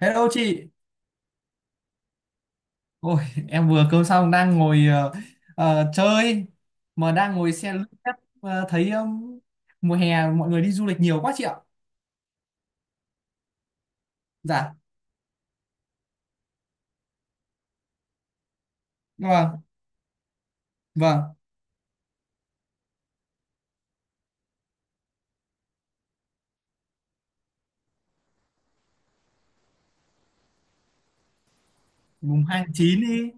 Hello chị. Ôi, em vừa cơm xong đang ngồi, chơi, mà đang ngồi xe lướt app, thấy mùa hè mọi người đi du lịch nhiều quá, chị ạ. Dạ, vâng, vâng, mùng hai tháng 9 đi,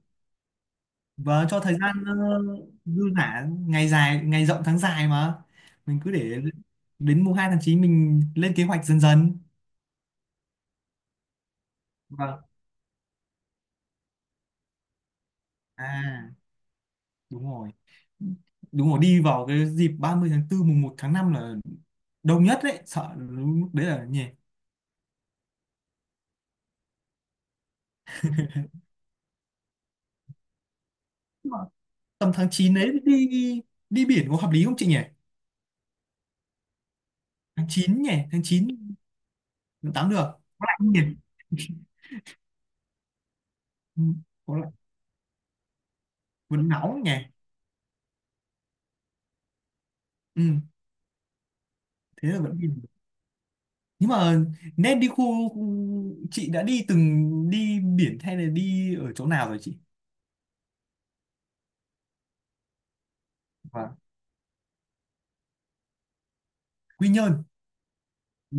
vâng cho thời gian dư giả, ngày dài, ngày rộng tháng dài mà. Mình cứ để đến mùng 2 tháng 9 mình lên kế hoạch dần dần. Vâng. À, đúng rồi, đúng rồi, đi vào cái dịp 30 tháng 4, mùng một tháng 5 là đông nhất đấy, sợ lúc đấy là nhỉ. Nhưng mà tầm tháng 9 đấy đi, đi biển có hợp lý không chị nhỉ? Tháng 9 nhỉ, tháng chín, tháng 8 được? Có lạnh không nhỉ? Ừ, có lạnh, vẫn nóng nhỉ? Ừ, thế là vẫn biển. Nhưng mà nên đi khu khu- chị đã đi từng đi biển hay là đi ở chỗ nào rồi chị? Vâng. Quy Nhơn. Ừ.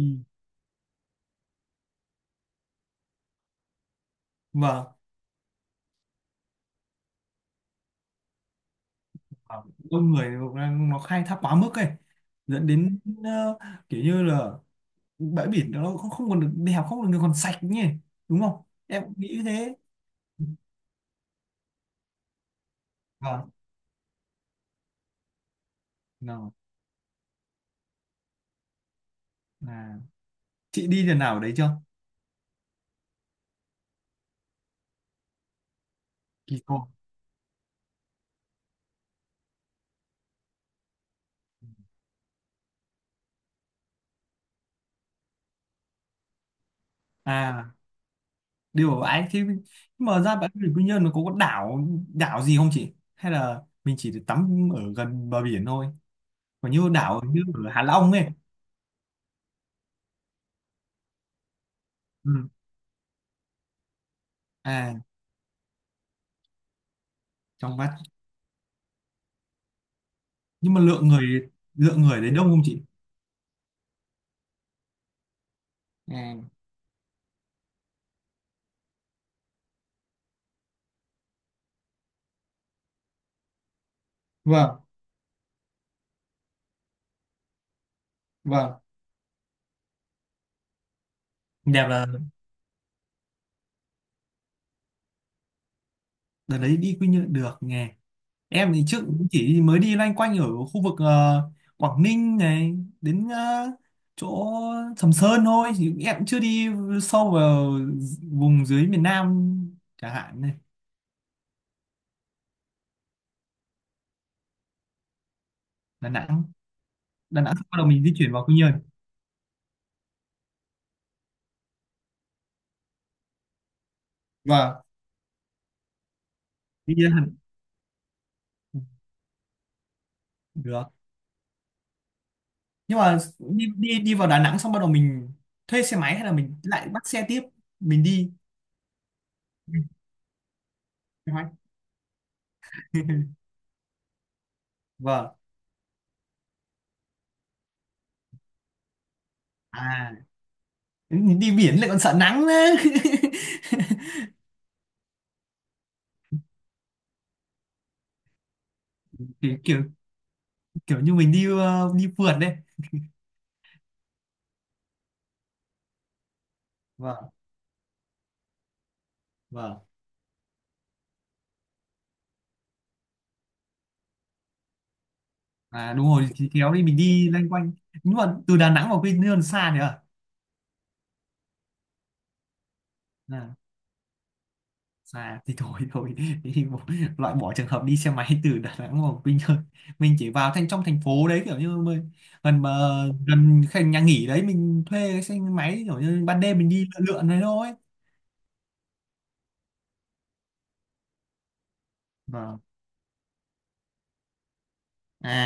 Vâng. Vâng. Đông người, nó khai thác quá mức ấy, dẫn đến kiểu như là bãi biển đó nó không còn được đẹp, không còn được còn sạch nhỉ, đúng không, em cũng nghĩ thế. Vâng. Nào. À, chị đi lần nào ở đấy chưa? Kỳ Cô. À, điều ở ấy thì nhưng mà ra bãi biển Quy Nhơn nó có đảo, đảo gì không chị, hay là mình chỉ được tắm ở gần bờ biển thôi, còn như đảo như ở Hạ Long ấy. Ừ. À, trong vắt. Nhưng mà lượng người ở đấy đông không chị? À. Vâng. Vâng. Đẹp là đợt đấy đi Quy Nhơn được nhỉ. Em thì trước cũng chỉ mới đi loanh quanh ở khu vực Quảng Ninh này đến chỗ Sầm Sơn thôi, thì em cũng chưa đi sâu vào vùng dưới miền Nam chẳng hạn này. Đà Nẵng. Đà Nẵng sau đó mình di chuyển vào Quy Nhơn. Vâng, đi lên Hàn được. Nhưng mà đi đi đi vào Đà Nẵng xong bắt đầu mình thuê xe máy hay là mình lại bắt xe tiếp mình đi. Kế hoạch. Vâng. À, đi biển lại còn sợ nắng nữa. kiểu kiểu kiểu như mình đi đi phượt đây. Vâng. Vâng. À, đúng rồi thì kéo đi, mình đi loanh quanh. Nhưng mà từ Đà Nẵng vào Quy Nhơn xa nhỉ. À, xa thì thôi thôi thì loại bỏ trường hợp đi xe máy từ Đà Nẵng vào Quy Nhơn, mình chỉ vào thành trong thành phố đấy, kiểu như mình, gần mà, gần cái nhà nghỉ đấy mình thuê cái xe máy, kiểu như ban đêm mình đi lượn lượn đấy thôi. Vâng. À,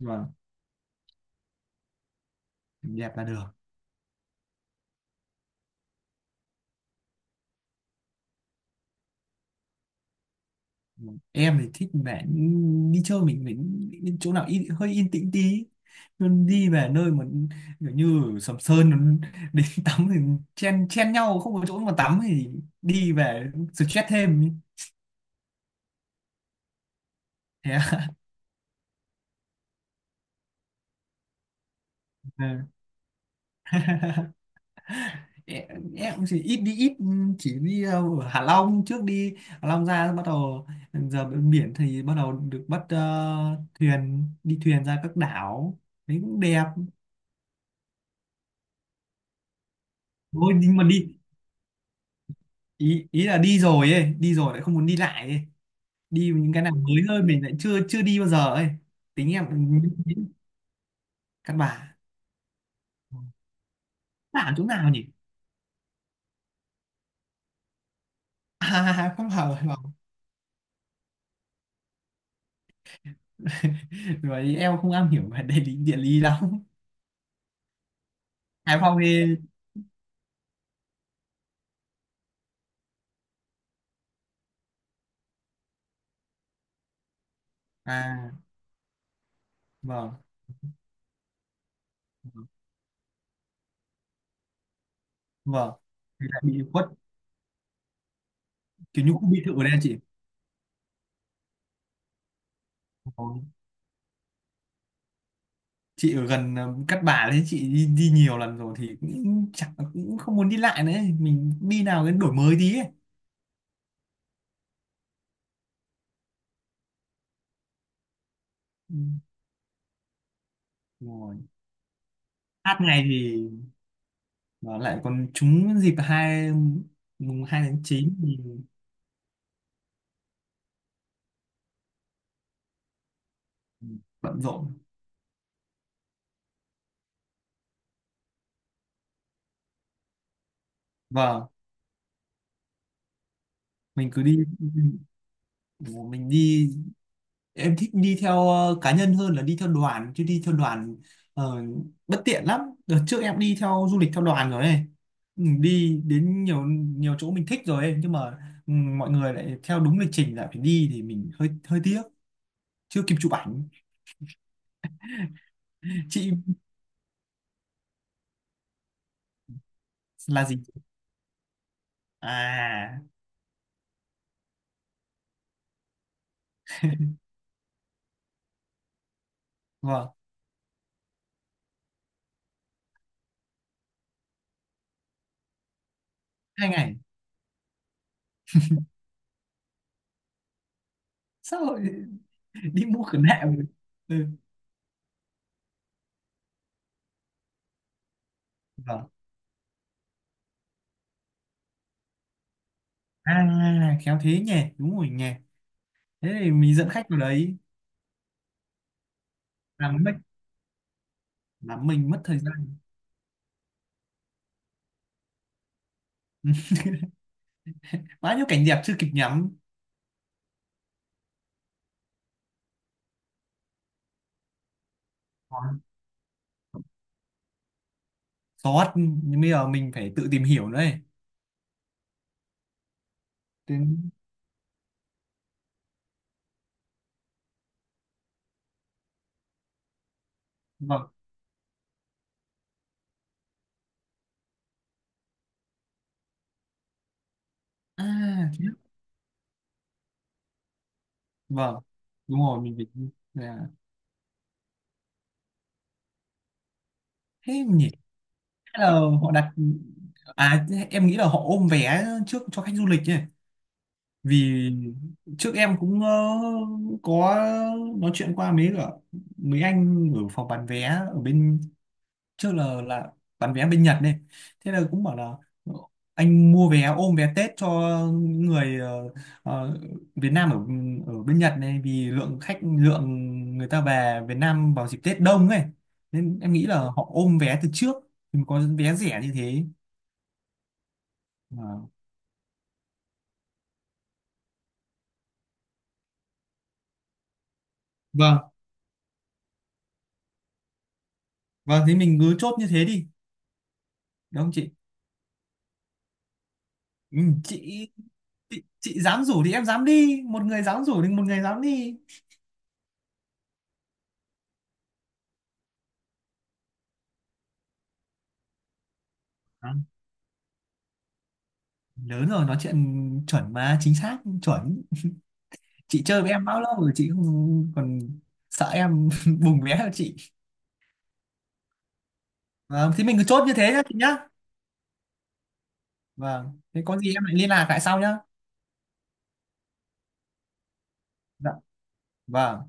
vâng, đẹp là được. Em thì thích vẻ đi chơi mình phải đi chỗ nào yên, hơi yên tĩnh tí. Nhưng đi về nơi mà kiểu như Sầm Sơn đến tắm thì chen chen nhau không có chỗ mà tắm thì đi về stress thêm. Thế à? Ừ. Em chỉ ít đi, ít chỉ đi ở Hạ Long, trước đi Hạ Long ra bắt đầu giờ bên biển thì bắt đầu được bắt thuyền, đi thuyền ra các đảo, đấy cũng đẹp. Thôi, nhưng mà đi, ý ý là đi rồi ấy, đi rồi lại không muốn đi lại ấy, đi những cái nào mới hơn mình lại chưa chưa đi bao giờ ấy, tính em cũng như thế. Căn bà làm chỗ nào nhỉ? À, không, hờ không. Rồi em không am hiểu về địa lý, địa lý lắm. Hải Phòng thì à? Vâng. Vâng. Thì là bị khuất, kiểu như khu biệt thự ở đây chị. Ờ, chị ở gần Cát Bà đấy chị đi nhiều lần rồi thì cũng chẳng cũng không muốn đi lại nữa ấy. Mình đi nào đến đổi mới tí ấy. Ừ, đúng rồi. Hát ngày thì và lại còn trúng dịp mùng hai tháng 9 thì bận rộn. Vâng, mình cứ đi, mình đi. Em thích đi theo cá nhân hơn là đi theo đoàn, chứ đi theo đoàn ờ, bất tiện lắm. Đợt trước em đi theo du lịch theo đoàn rồi này. Ừ, đi đến nhiều nhiều chỗ mình thích rồi ấy. Nhưng mà ừ, mọi người lại theo đúng lịch trình lại phải đi thì mình hơi hơi tiếc, chưa kịp chụp ảnh. Chị là gì? À, vâng, hai ngày sao? Đi mua khử nạn mà. Ừ. Vâng. À, khéo thế nhỉ, đúng rồi nhỉ, thế thì mình dẫn khách vào đấy làm mất, làm mình mất thời gian. Bao nhiêu cảnh đẹp chưa kịp ngắm. Còn sót, nhưng bây giờ mình phải tự tìm hiểu nữa ấy. Đến... Vâng. À, thế. Vâng, đúng rồi mình phải. À, thế nhỉ, hay là họ đặt, à em nghĩ là họ ôm vé trước cho khách du lịch nhỉ. Vì trước em cũng có nói chuyện qua mấy cả mấy anh ở phòng bán vé ở bên, trước là bán vé bên Nhật này, thế là cũng bảo là "Ờ, anh mua vé ôm vé Tết cho những người ờ, Việt Nam ở ở bên Nhật này, vì lượng khách, lượng người ta về Việt Nam vào dịp Tết đông ấy, nên em nghĩ là họ ôm vé từ trước thì có vé rẻ như thế. Ờ. Vâng. Vâng, thế mình cứ chốt như thế đi, đúng không chị? Ừ, chị chị dám rủ thì em dám đi, một người dám rủ thì một người dám đi. Đó, lớn rồi nói chuyện chuẩn mà, chính xác chuẩn. Chị chơi với em bao lâu rồi chị không còn sợ em bùng vẽ cho chị. Vâng thì mình cứ chốt như thế nhá chị nhá. Vâng thế có gì em lại liên lạc lại sau nhá. Dạ. Vâng.